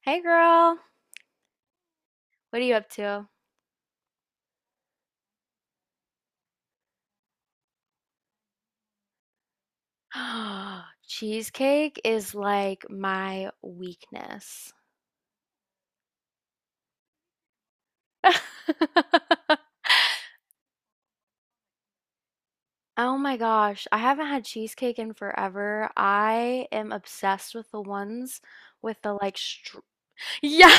Hey girl, what are you up to? Cheesecake is like my weakness. Oh my gosh, I haven't had cheesecake in forever. I am obsessed with the ones with the like str Yeah,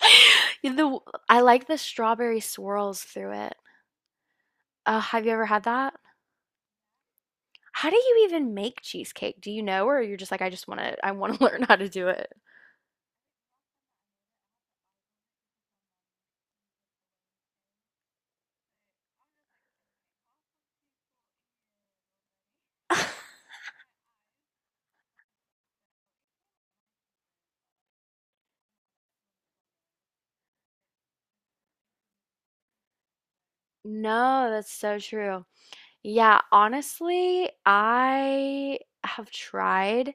the I like the strawberry swirls through it. Have you ever had that? How do you even make cheesecake? Do you know, or you're just like, I just want to, I want to learn how to do it? No, that's so true. Yeah, honestly, I have tried,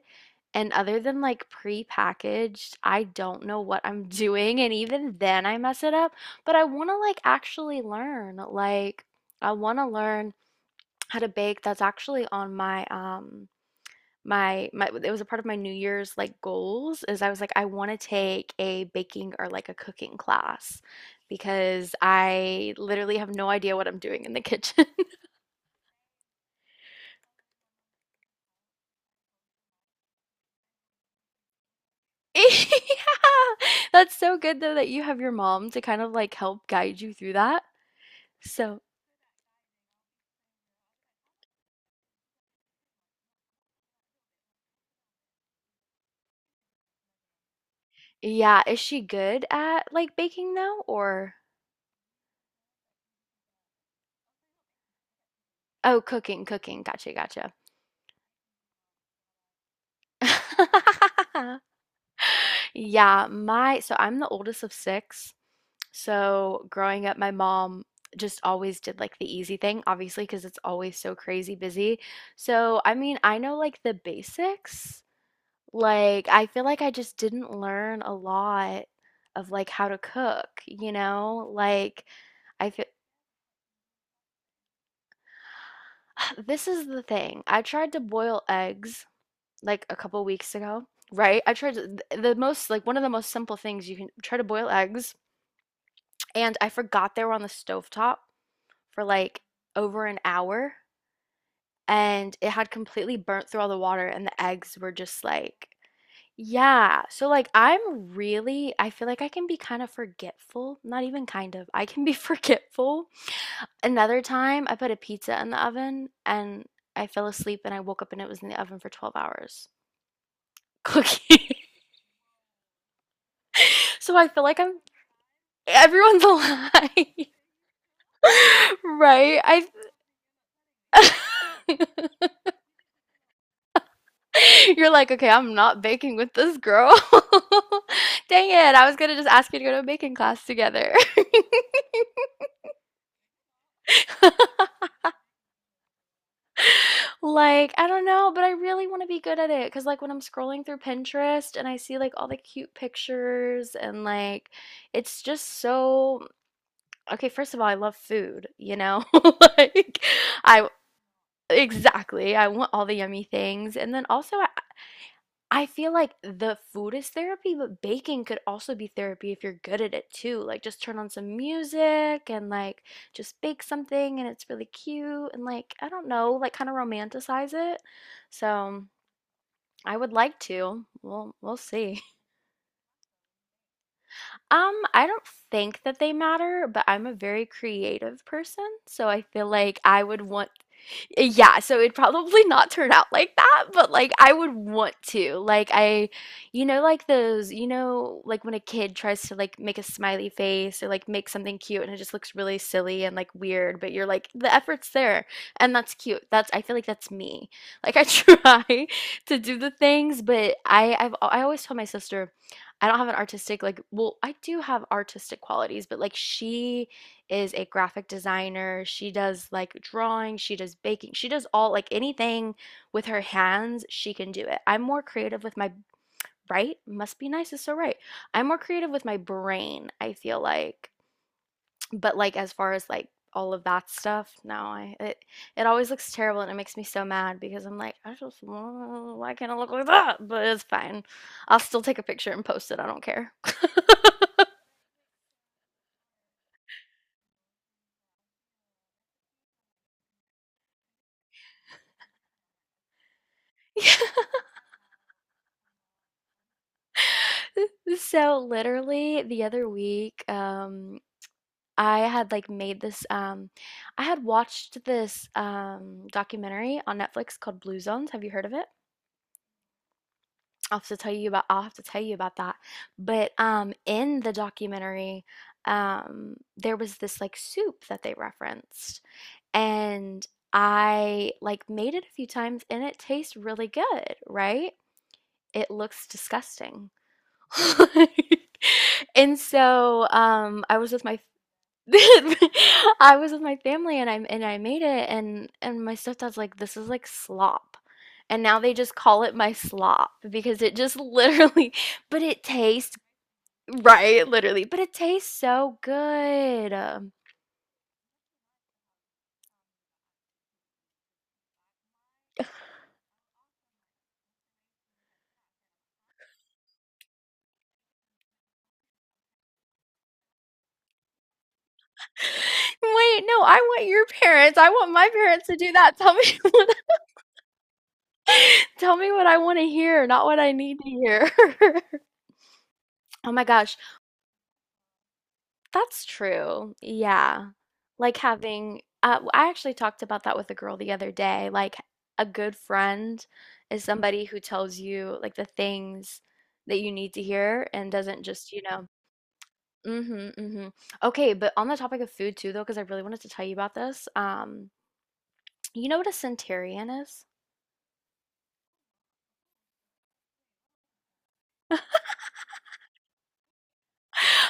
and other than like pre-packaged, I don't know what I'm doing, and even then I mess it up. But I want to like actually learn. Like I want to learn how to bake. That's actually on my my it was a part of my New Year's like goals is I was like I want to take a baking or like a cooking class because I literally have no idea what I'm doing in the kitchen. Yeah. That's so good though that you have your mom to kind of like help guide you through that. So, yeah, is she good at like baking though or oh, cooking, cooking. Gotcha, gotcha. Yeah, my so I'm the oldest of six. So growing up, my mom just always did like the easy thing, obviously, because it's always so crazy busy. So I mean, I know like the basics. Like, I feel like I just didn't learn a lot of like how to cook, you know? Like, I feel this is the thing. I tried to boil eggs like a couple weeks ago, right? I tried to, the most like one of the most simple things you can try to boil eggs, and I forgot they were on the stovetop for like over an hour, and it had completely burnt through all the water, and the eggs were just like yeah. So like I'm really I feel like I can be kind of forgetful, not even kind of. I can be forgetful. Another time I put a pizza in the oven and I fell asleep and I woke up and it was in the oven for 12 hours cooking. So I feel like I'm everyone's alive. Right? I You're like, "Okay, I'm not baking with this girl." Dang it. I was going to just ask you to go to a baking class together. Like, I don't know, but I really want to be good at it. Cause like when I'm scrolling through Pinterest and I see like all the cute pictures and like it's just so okay, first of all, I love food, you know? Like I exactly. I want all the yummy things. And then also I feel like the food is therapy, but baking could also be therapy if you're good at it too. Like just turn on some music and like just bake something and it's really cute and like I don't know, like kind of romanticize it. So I would like to. We'll see. I don't think that they matter, but I'm a very creative person, so I feel like I would want yeah, so it'd probably not turn out like that, but like I would want to. Like I, you know, like those, you know, like when a kid tries to like make a smiley face or like make something cute and it just looks really silly and like weird, but you're like the effort's there and that's cute. That's I feel like that's me. Like I try to do the things, but I always tell my sister I don't have an artistic like well, I do have artistic qualities, but like she is a graphic designer. She does like drawing, she does baking, she does all like anything with her hands, she can do it. I'm more creative with my right? Must be nice it's so right. I'm more creative with my brain, I feel like. But like as far as like all of that stuff, no, I it always looks terrible and it makes me so mad because I'm like, I just why can't I look like that? But it's fine. I'll still take a picture and post it. I don't care. So literally the other week, I had like made this I had watched this documentary on Netflix called Blue Zones. Have you heard of it? I'll have to tell you about I'll have to tell you about that. But in the documentary, there was this like soup that they referenced and I like made it a few times and it tastes really good, right? It looks disgusting. And so, I was with my I was with my family and I made it and my stepdad's like, this is like slop. And now they just call it my slop because it just literally, but it tastes right, literally, but it tastes so good. Wait, no, I want your parents. I want my parents to do that. Tell me what, tell me what I want to hear, not what I need to hear. Oh my gosh. That's true. Yeah. Like having, I actually talked about that with a girl the other day. Like a good friend is somebody who tells you like the things that you need to hear and doesn't just, you know, mm-hmm, mm-hmm. Okay, but on the topic of food too, though, because I really wanted to tell you about this. You know what a centurion is?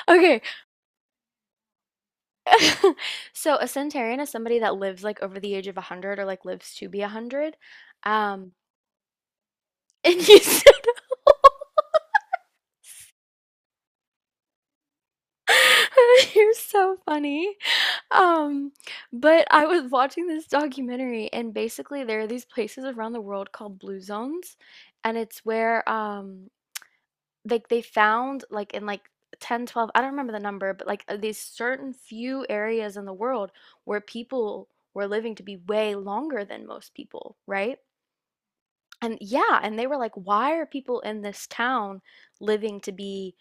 Okay. So a centurion is somebody that lives like over the age of 100 or like lives to be 100. Um, and you said you're so funny. Um, but I was watching this documentary, and basically there are these places around the world called blue zones, and it's where like they found like in like 1012 I don't remember the number, but like these certain few areas in the world where people were living to be way longer than most people, right? And yeah, and they were like, why are people in this town living to be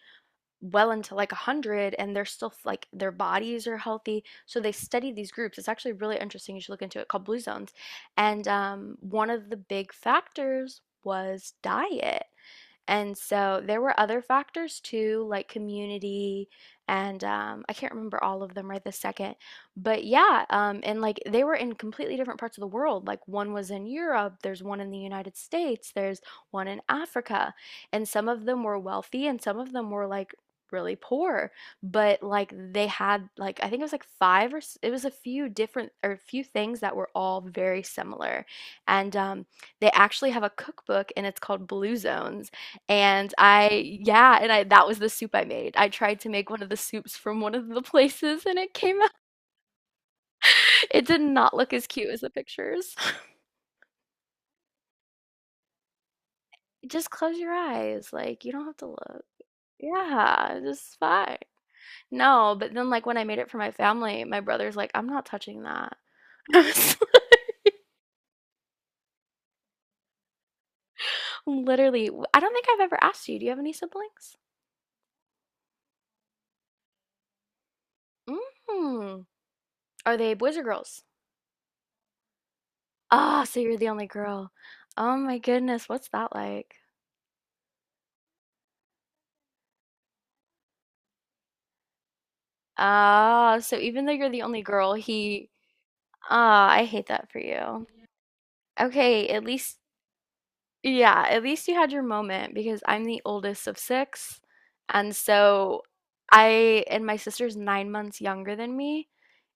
well into like 100 and they're still like their bodies are healthy, so they study these groups. It's actually really interesting, you should look into it, called blue zones. And One of the big factors was diet, and so there were other factors too, like community, and I can't remember all of them right this second. But yeah, and like they were in completely different parts of the world. Like one was in Europe, there's one in the United States, there's one in Africa. And some of them were wealthy and some of them were like really poor. But like they had, like, I think it was like five or it was a few different or a few things that were all very similar. And They actually have a cookbook and it's called Blue Zones and I, yeah, and I that was the soup I made. I tried to make one of the soups from one of the places and it came out. It did not look as cute as the pictures. Just close your eyes. Like, you don't have to look. Yeah, it's just fine. No, but then like when I made it for my family, my brother's like, I'm not touching that. I was literally, I don't think I've ever asked you, do you have any siblings? Mm. Are they boys or girls? Ah, so you're the only girl. Oh my goodness, what's that like? Ah, so even though you're the only girl, he ah, I hate that for you. Okay, at least yeah, at least you had your moment because I'm the oldest of six. And so I and my sister's 9 months younger than me.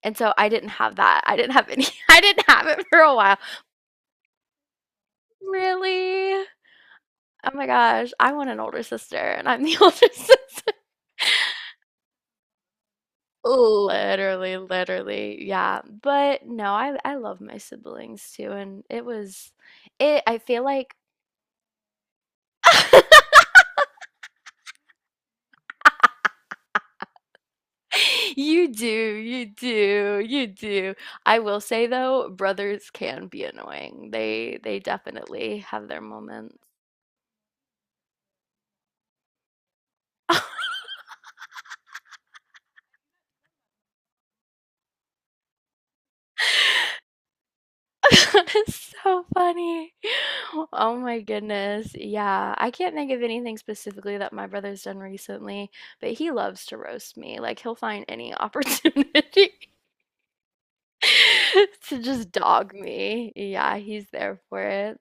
And so I didn't have that. I didn't have any I didn't have it for a while. Really? Oh my gosh, I want an older sister and I'm the older sister. Literally, literally, yeah. But no, I love my siblings too, and it was it. I feel like you do, you do, you do. I will say though, brothers can be annoying. They definitely have their moments. That is so funny. Oh my goodness. Yeah, I can't think of anything specifically that my brother's done recently, but he loves to roast me. Like he'll find any opportunity. To just dog me. Yeah, he's there for it.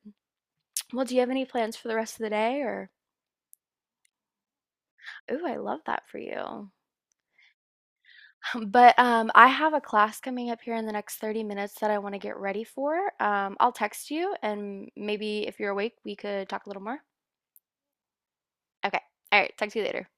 Well, do you have any plans for the rest of the day or ooh, I love that for you. But, I have a class coming up here in the next 30 minutes that I wanna get ready for. I'll text you and maybe if you're awake, we could talk a little more? Okay. All right, talk to you later.